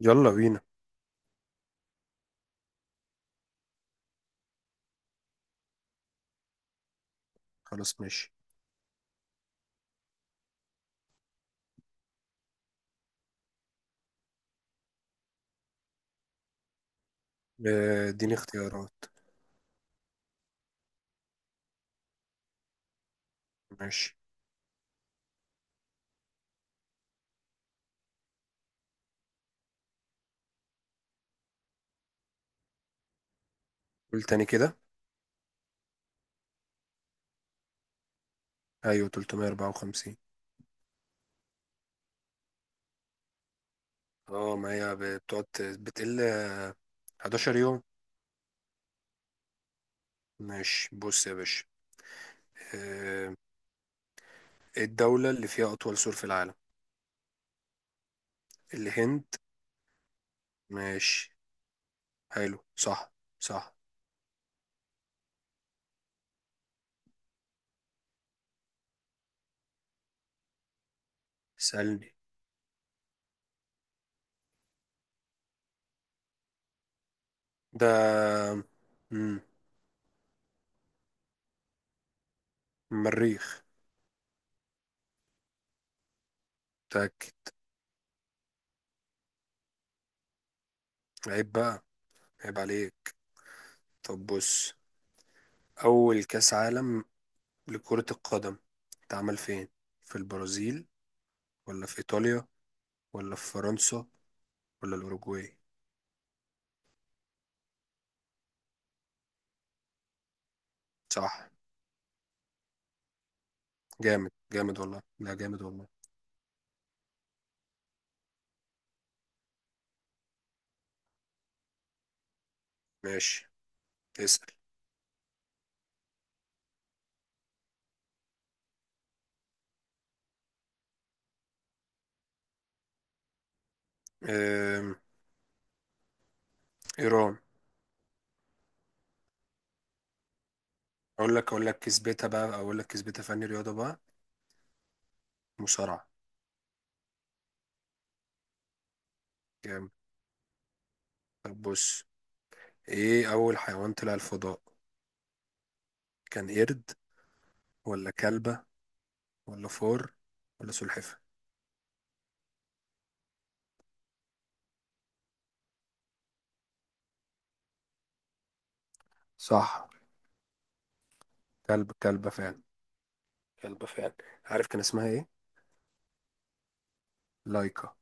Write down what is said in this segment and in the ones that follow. يلا بينا. خلاص ماشي. آه، اديني اختيارات. ماشي. قول تاني كده. ايوه، 354. اه، ما هي بتقعد بتقل 11 يوم. ماشي، بص يا باشا. آه، إيه الدولة اللي فيها أطول سور في العالم؟ الهند. ماشي. حلو، صح. صح. سألني. ده. مم. مريخ. متأكد. عيب بقى. عيب عليك. طب بص، أول كأس عالم لكرة القدم اتعمل فين؟ في البرازيل ولا في إيطاليا ولا في فرنسا ولا الأوروجواي؟ صح. جامد، جامد والله. لا، جامد والله. ماشي، اسأل. أم، إيران. أقول لك كسبتها بقى. أقول لك كسبتها، فني رياضة بقى. مصارعة. جامد. طب بص، إيه أول حيوان طلع الفضاء؟ كان قرد ولا كلبة ولا فار ولا سلحفاة؟ صح. كلبة فعلا. كلبة فعلا. عارف كان اسمها إيه؟ لايكا.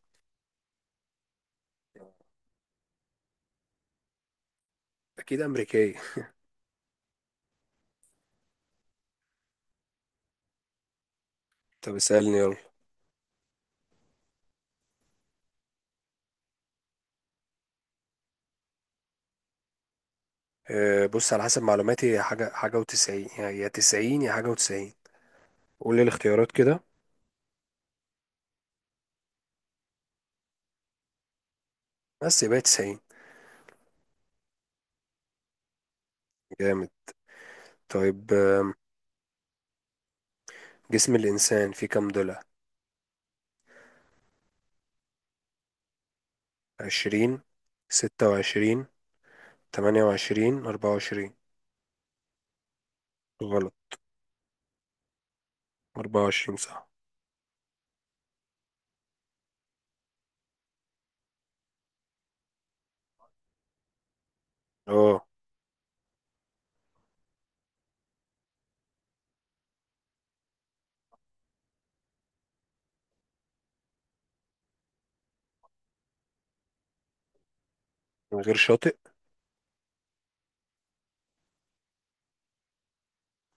أكيد أمريكية. طب اسألني يلا. بص، على حسب معلوماتي هي حاجة وتسعين، يعني يا 90 يا حاجة وتسعين. قول لي الاختيارات كده. بس يبقى 90. جامد. طيب. جسم الإنسان فيه كام ضلع؟ 20، 26، 28، 24؟ غلط. 24 صح. اه، من غير شاطئ.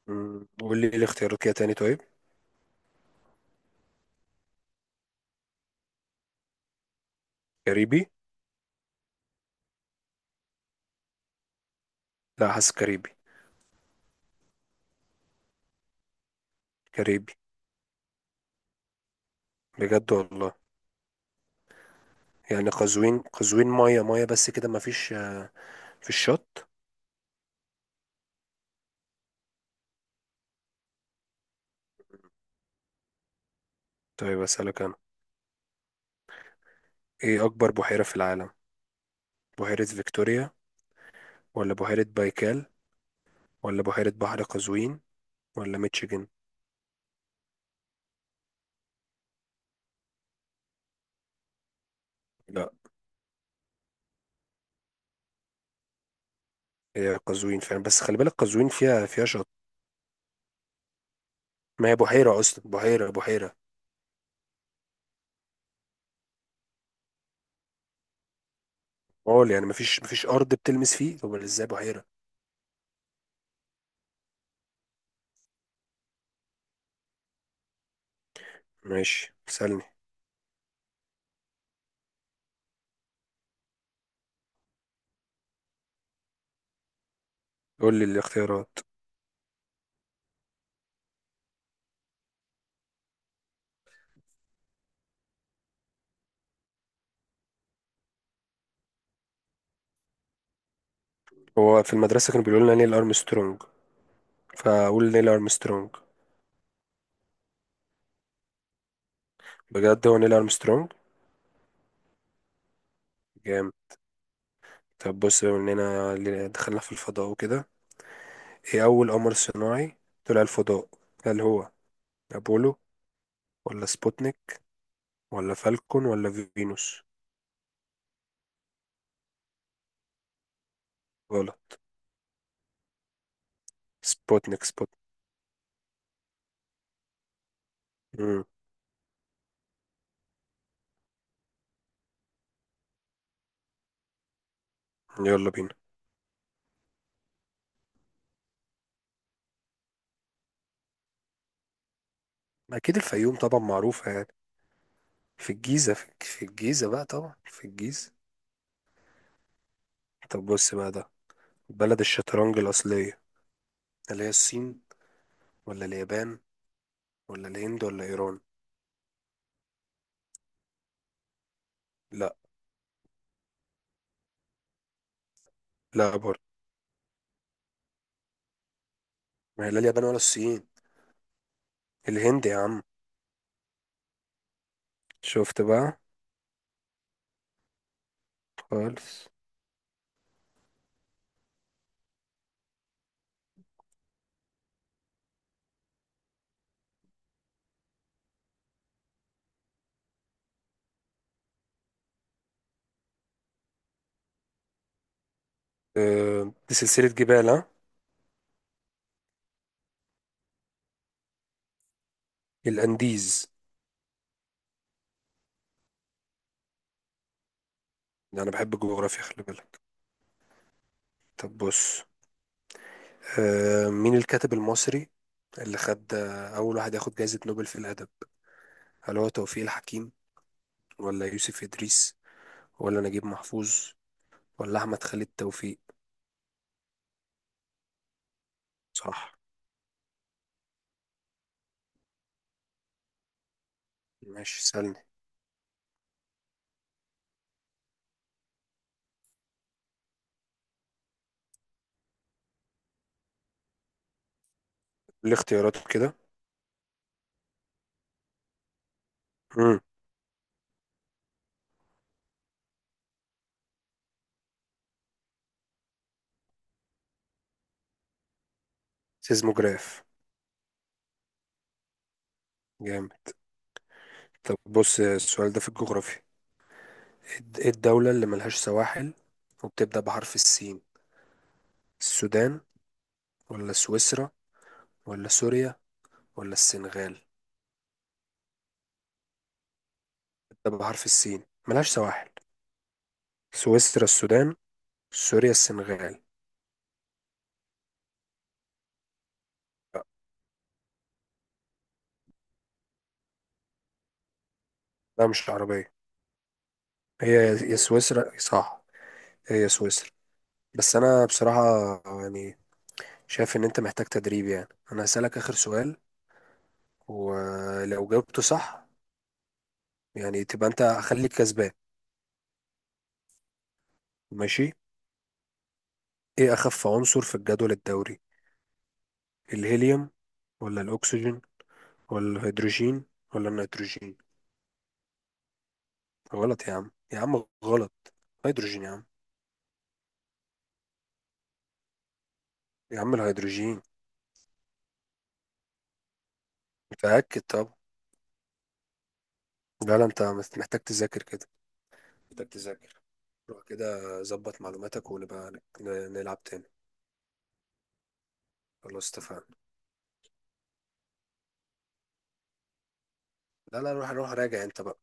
قول لي الاختيارات كده تاني طيب. كاريبي. لا، حاسس كاريبي. كاريبي. بجد والله. يعني قزوين، قزوين مية مية، بس كده مفيش في الشط. طيب أسألك أنا، ايه اكبر بحيرة في العالم؟ بحيرة فيكتوريا ولا بحيرة بايكال ولا بحيرة بحر قزوين ولا ميتشيجن؟ لا. هي قزوين فعلا، بس خلي بالك قزوين فيها شط. ما هي بحيرة اصلا، بحيرة بحيرة. قول، يعني مفيش ارض بتلمس فيه، طب ازاي بحيرة؟ ماشي سألني. قول لي الاختيارات. هو في المدرسة كانوا بيقولوا لنا نيل ارمسترونج، فاقول نيل ارمسترونج. بجد هو نيل ارمسترونج. جامد. طب بص، بما اننا دخلنا في الفضاء وكده، ايه اول قمر صناعي طلع الفضاء؟ هل هو أبولو ولا سبوتنيك ولا فالكون ولا فينوس؟ غلط. سبوتنيك، سبوتنيك. مم. يلا بينا. أكيد الفيوم طبعا معروفة يعني. في الجيزة، في الجيزة بقى، طبعا في الجيزة. طب بص بقى ده، بلد الشطرنج الأصلية اللي هي الصين ولا اليابان ولا الهند ولا إيران؟ لا. لا برضه. ما هي لا اليابان ولا الصين. الهند يا عم. شفت بقى. خالص. أه، دي سلسلة جبال ها. الأنديز. ده أنا بحب الجغرافيا، خلي بالك. طب بص، مين الكاتب المصري اللي خد أول واحد ياخد جائزة نوبل في الأدب؟ هل هو توفيق الحكيم ولا يوسف إدريس ولا نجيب محفوظ ولا أحمد خالد توفيق؟ صح. ماشي سألني. الاختيارات كده. مم. سيزموجراف. جامد. طب بص، السؤال ده في الجغرافيا. إيه الدولة اللي ملهاش سواحل وبتبدأ بحرف السين؟ السودان ولا سويسرا ولا سوريا ولا السنغال؟ بتبدأ بحرف السين ملهاش سواحل. سويسرا، السودان، سوريا، السنغال. لا. لا، مش عربية. هي يا سويسرا صح. هي يا سويسرا. بس أنا بصراحة، يعني، شايف إن أنت محتاج تدريب. يعني أنا هسألك آخر سؤال، ولو جاوبته صح يعني تبقى أنت، هخليك كسبان. ماشي. إيه أخف عنصر في الجدول الدوري؟ الهيليوم ولا الأكسجين ولا الهيدروجين ولا النيتروجين؟ غلط يا عم، يا عم غلط. هيدروجين يا عم. يا عم الهيدروجين. متأكد. طب. لا، لا، أنت محتاج تذاكر كده. محتاج تذاكر. روح كده، ظبط معلوماتك ونبقى نلعب تاني. خلاص اتفقنا. لا، لا، روح روح راجع انت بقى.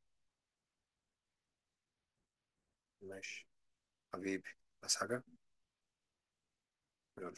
ماشي. حبيبي. بس حاجة. يلا.